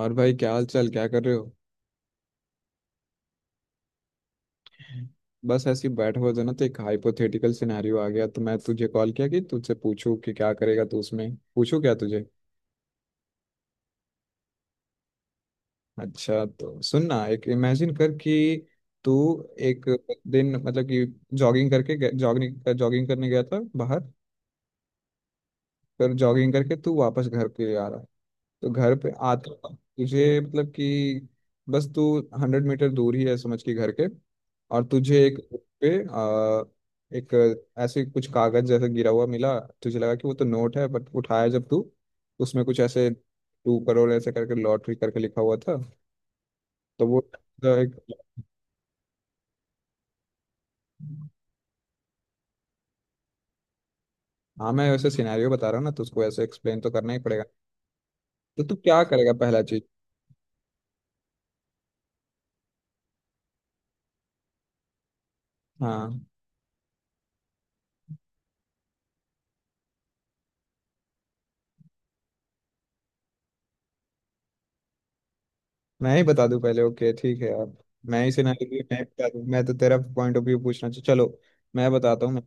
और भाई, क्या हाल चाल? क्या कर रहे हो? बस ऐसे ही बैठे हुए थे, ना तो एक हाइपोथेटिकल सिनेरियो आ गया, तो मैं तुझे कॉल किया कि तुझसे पूछूं कि क्या करेगा तू उसमें। पूछूं क्या तुझे? अच्छा, तो सुन ना, एक इमेजिन कर कि तू एक दिन, मतलब कि जॉगिंग करके, जॉगिंग जॉगिंग करने गया था बाहर। पर जॉगिंग करके तू वापस घर पे आ रहा है। तो घर पे आते, तुझे मतलब कि, बस तू 100 मीटर दूर ही है समझ के घर के, और तुझे एक book पे आ, एक ऐसे कुछ कागज जैसे गिरा हुआ मिला। तुझे लगा कि वो तो नोट है, बट उठाया जब तू, उसमें कुछ ऐसे 2 करोड़ ऐसे करके लॉटरी करके लिखा हुआ था। तो वो, तो एक, हाँ मैं वैसे सिनेरियो बता रहा हूँ ना, तो उसको ऐसे एक्सप्लेन तो करना ही पड़ेगा। तो तू क्या करेगा पहला चीज? हाँ, मैं ही बता दूं पहले, ओके ठीक है यार। मैं ही सिनेरियो मैं ही बता दूं। मैं तो तेरा पॉइंट ऑफ व्यू पूछना चाहिए, चलो मैं बताता हूँ।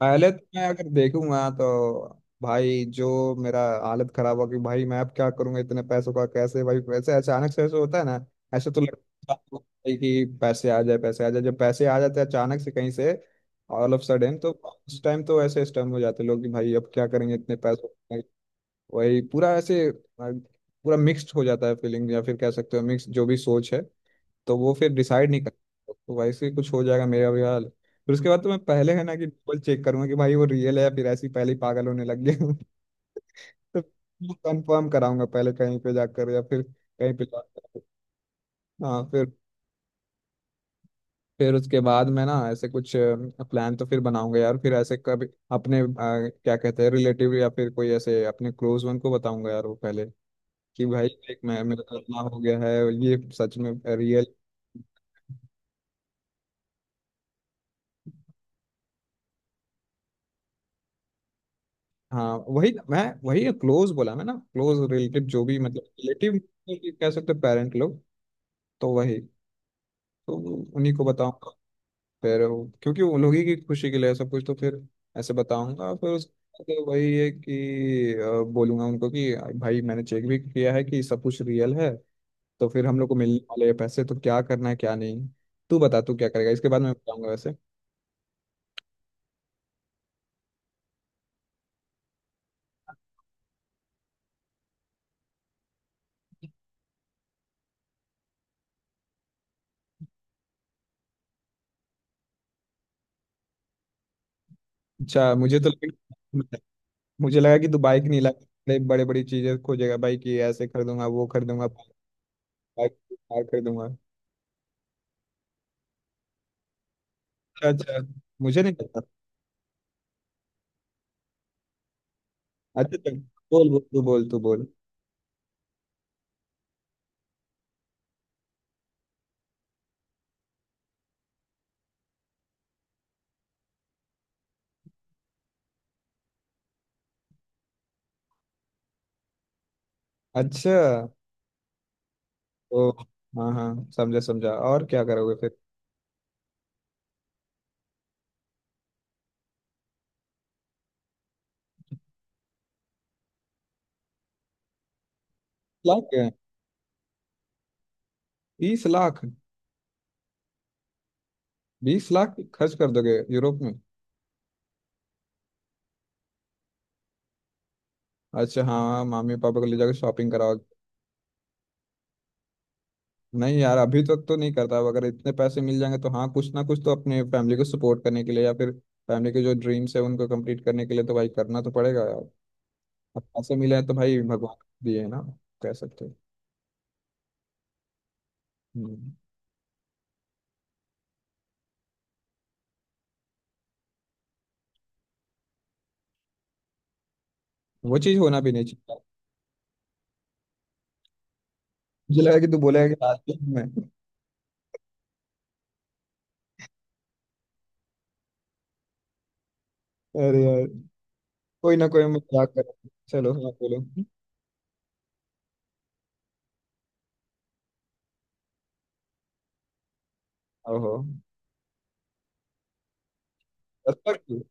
पहले तो मैं अगर देखूंगा तो भाई, जो मेरा हालत खराब होगी भाई। मैं अब क्या करूंगा इतने पैसों का? कैसे भाई, वैसे अचानक से ऐसे होता है ना? ऐसे तो लगता है आपको भाई कि पैसे आ जाए, पैसे आ जाए, जब पैसे आ जाते हैं अचानक से कहीं से ऑल ऑफ सडन, तो उस टाइम तो ऐसे स्टम्प हो जाते हैं लोग कि भाई अब क्या करेंगे इतने पैसों का? वही पूरा ऐसे पूरा मिक्स्ड हो जाता है फीलिंग, या फिर कह सकते हो मिक्स जो भी सोच है। तो वो फिर डिसाइड नहीं कर सकता। तो वैसे ही कुछ हो जाएगा मेरा भी हाल। फिर उसके बाद तो मैं पहले है ना, कि डबल चेक करूंगा कि भाई वो रियल है, या फिर ऐसे ही पहले ही पागल होने लग गया तो कंफर्म कराऊंगा पहले कहीं पे जाकर या फिर कहीं पे जाकर। हाँ फिर उसके बाद मैं ना ऐसे कुछ प्लान तो फिर बनाऊंगा यार। फिर ऐसे कभी अपने क्या कहते हैं, रिलेटिव, या फिर कोई ऐसे अपने क्लोज वन को बताऊंगा यार वो पहले। कि भाई देख, मैं मेरा इतना हो गया है, ये सच में रियल। हाँ वही मैं, वही क्लोज बोला मैं ना, क्लोज रिलेटिव जो भी, मतलब रिलेटिव कह सकते हैं, पेरेंट लोग। तो वही, तो उन्हीं को बताऊंगा। फिर वो- क्योंकि उन लोग ही की खुशी के लिए सब कुछ, तो फिर ऐसे बताऊंगा फिर उस। तो वही है कि बोलूंगा उनको कि भाई मैंने चेक भी किया है कि सब कुछ रियल है। तो फिर हम लोग को मिलने वाले हैं पैसे, तो क्या करना है क्या नहीं। तू बता, तू क्या करेगा, इसके बाद मैं बताऊंगा वैसे। अच्छा, मुझे तो, मुझे लगा कि तू बाइक नहीं ला बड़े, बड़ी चीजें खोजेगा भाई, कि ऐसे खरीदूंगा वो खरीदूंगा, बाइक कार खरीदूंगा। अच्छा अच्छा, मुझे नहीं पता। अच्छा चल, बोल बोल, तू बोल। अच्छा, तो हाँ हाँ, समझा समझा, और क्या करोगे फिर? लाख, 20 लाख, 20 लाख खर्च कर दोगे यूरोप में? अच्छा हाँ, मामी पापा को ले जाकर शॉपिंग कराओ। नहीं यार अभी तक तो नहीं करता, अब अगर इतने पैसे मिल जाएंगे तो हाँ, कुछ ना कुछ तो अपने फैमिली को सपोर्ट करने के लिए, या फिर फैमिली के जो ड्रीम्स है उनको कंप्लीट करने के लिए तो भाई करना तो पड़ेगा यार। अब पैसे मिले हैं तो भाई भगवान दिए है ना, कह सकते हैं। हम्म, वो चीज होना भी नहीं चाहिए। मुझे लगा कि तू बोलेगा कि रात दिन में। अरे यार, कोई ना कोई मजाक कर। चलो हाँ, बोलो। ओहो, 10 लाख की?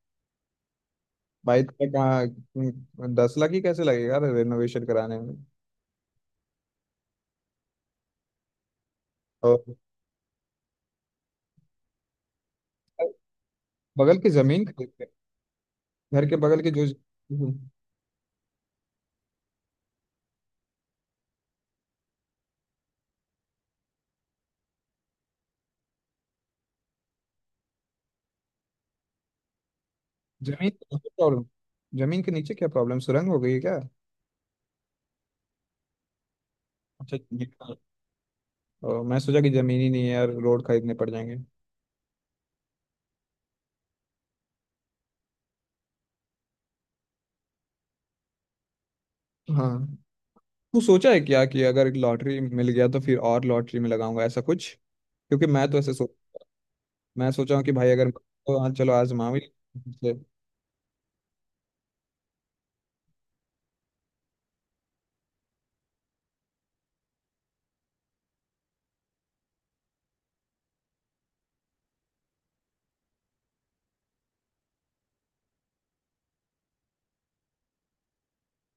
भाई तो कहाँ 10 लाख ही कैसे लगेगा रेनोवेशन कराने में? और बगल की जमीन खरीदते हैं। घर के बगल की जो जमीन प्रॉब्लम। जमीन के नीचे क्या प्रॉब्लम, सुरंग हो गई है क्या? अच्छा ये- ओ, मैं सोचा कि जमीन ही नहीं है यार, रोड खरीदने पड़ जाएंगे। हाँ, तू सोचा है क्या कि अगर लॉटरी मिल गया तो फिर और लॉटरी में लगाऊंगा ऐसा कुछ? क्योंकि मैं तो ऐसे सोच, मैं सोचा हूँ कि भाई अगर तो हाँ चलो आजमा भी लेते हैं,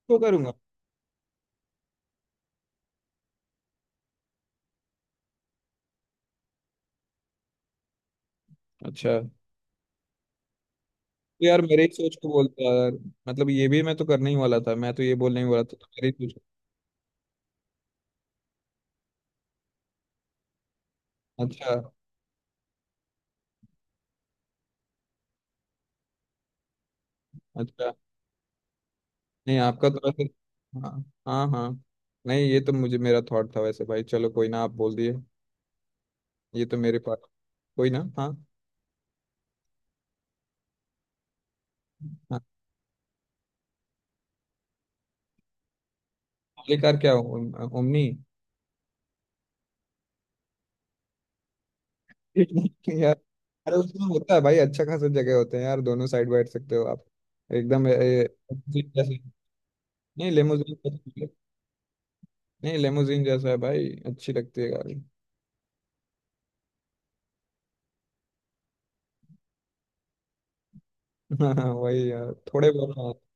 तो करूंगा। अच्छा, तो यार मेरे ही सोच को बोलता है यार, मतलब ये भी मैं तो करने ही वाला था, मैं तो ये बोलने ही वाला था, तो मेरे ही सोच। अच्छा अच्छा, नहीं आपका तो वैसे। हाँ हाँ हाँ। नहीं, ये तो मुझे मेरा थॉट था वैसे भाई, चलो कोई ना, आप बोल दिए। ये तो मेरे पास, कोई ना हाँ। हाँ, आखिरकार क्या ओमनी? यार, अरे उसमें होता है भाई, अच्छा खासा जगह होते हैं यार, दोनों साइड बैठ सकते हो आप, एकदम ए, ए, limousine जैसे। नहीं, लेमोजीन जैसे। नहीं, लेमोजीन जैसा है भाई, अच्छी लगती है गाड़ी। हाँ हाँ, वही यार थोड़े बहुत हाँ।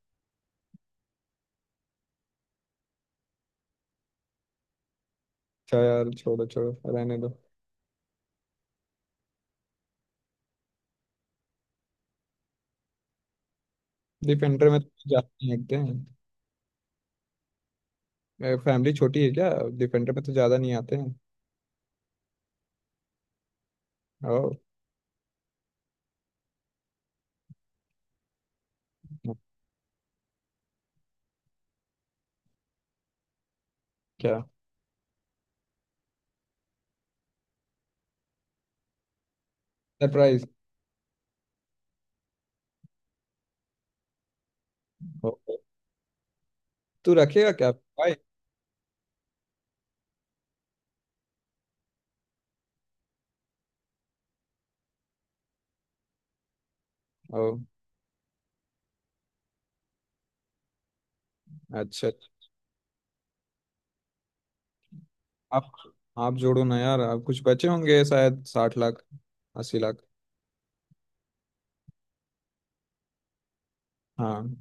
अच्छा यार, छोड़ो छोड़ो रहने दो। डिफेंडर में तो ज्यादा नहीं देखते हैं। फैमिली छोटी है क्या? डिफेंडर में तो ज्यादा नहीं आते हैं। ओ, क्या सरप्राइज? तू रखेगा क्या भाई? ओ, अच्छा। आप आप जोड़ो ना यार, आप कुछ बचे होंगे शायद 60 लाख, 80 लाख। हाँ।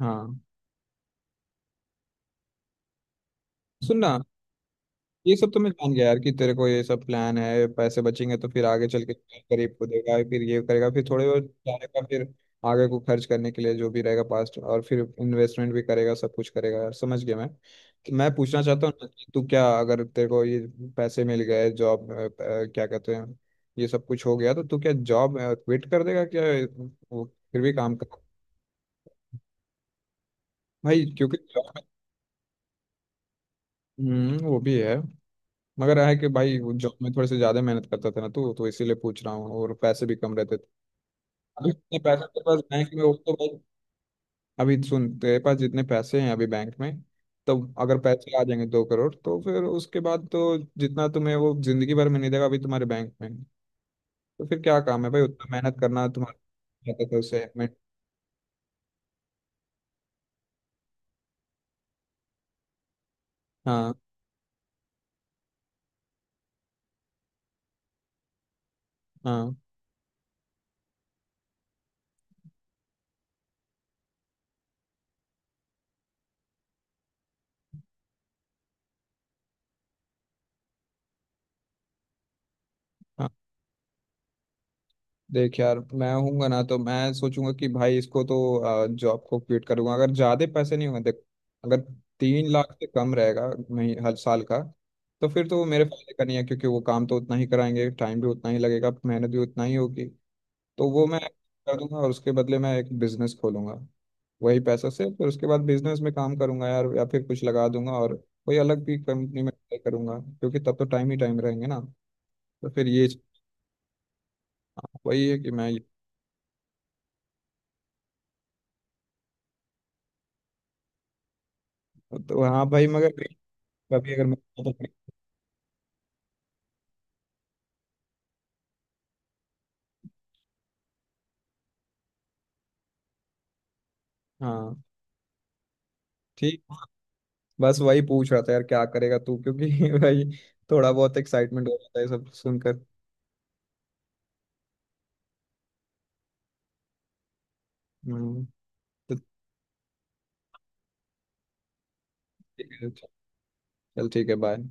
हाँ सुनना, ये सब तो मैं जान गया यार कि तेरे को ये सब प्लान है, पैसे बचेंगे तो फिर आगे चल के गरीब को देगा, फिर ये करेगा, फिर थोड़े बहुत जाएगा, फिर आगे को खर्च करने के लिए जो भी रहेगा पास्ट, और फिर इन्वेस्टमेंट भी करेगा, सब कुछ करेगा यार। समझ गया मैं तो, मैं पूछना चाहता हूँ ना कि तू क्या, अगर तेरे को ये पैसे मिल गए जॉब, क्या कहते हैं, ये सब कुछ हो गया तो तू क्या जॉब क्विट कर देगा क्या? वो फिर भी काम? भाई क्योंकि job में- हम्म, वो भी है, मगर है कि भाई जॉब में थोड़े से ज्यादा मेहनत करता था ना तू, तो इसीलिए पूछ रहा हूँ, और पैसे भी कम रहते थे। अभी जितने पैसे तेरे पास बैंक में वो तो भाई, अभी सुन, तेरे पास जितने पैसे हैं अभी बैंक में, तो अगर पैसे आ जाएंगे 2 करोड़ तो फिर उसके बाद तो जितना तुम्हें वो जिंदगी भर में नहीं देगा अभी तुम्हारे बैंक में, तो फिर क्या काम है भाई उतना मेहनत करना तुम्हारा, रहता था उसे। हाँ हाँ। देख यार मैं होऊंगा ना तो मैं सोचूंगा कि भाई इसको तो जॉब को क्विट करूंगा अगर ज्यादा पैसे नहीं होंगे देख, अगर 3 लाख से कम रहेगा मही- हर साल का, तो फिर तो वो मेरे फायदे का नहीं है, क्योंकि वो काम तो उतना ही कराएंगे, टाइम भी उतना ही लगेगा, मेहनत भी उतना ही होगी। तो वो मैं कर दूंगा, और उसके बदले मैं एक बिजनेस खोलूंगा वही पैसा से। फिर उसके बाद बिजनेस में काम करूंगा यार, या फिर कुछ लगा दूंगा, और कोई अलग भी कंपनी में ट्राई करूंगा, क्योंकि तब तो टाइम ही टाइम रहेंगे ना। तो फिर ये वही है कि मैं, तो हाँ भाई मगर अभी अगर मैं तो, हाँ ठीक। बस वही पूछ रहा था यार क्या करेगा तू, क्योंकि भाई थोड़ा बहुत एक्साइटमेंट हो जाता है ये सब सुनकर। हम्म। तो ठीक है, चल ठीक है, बाय।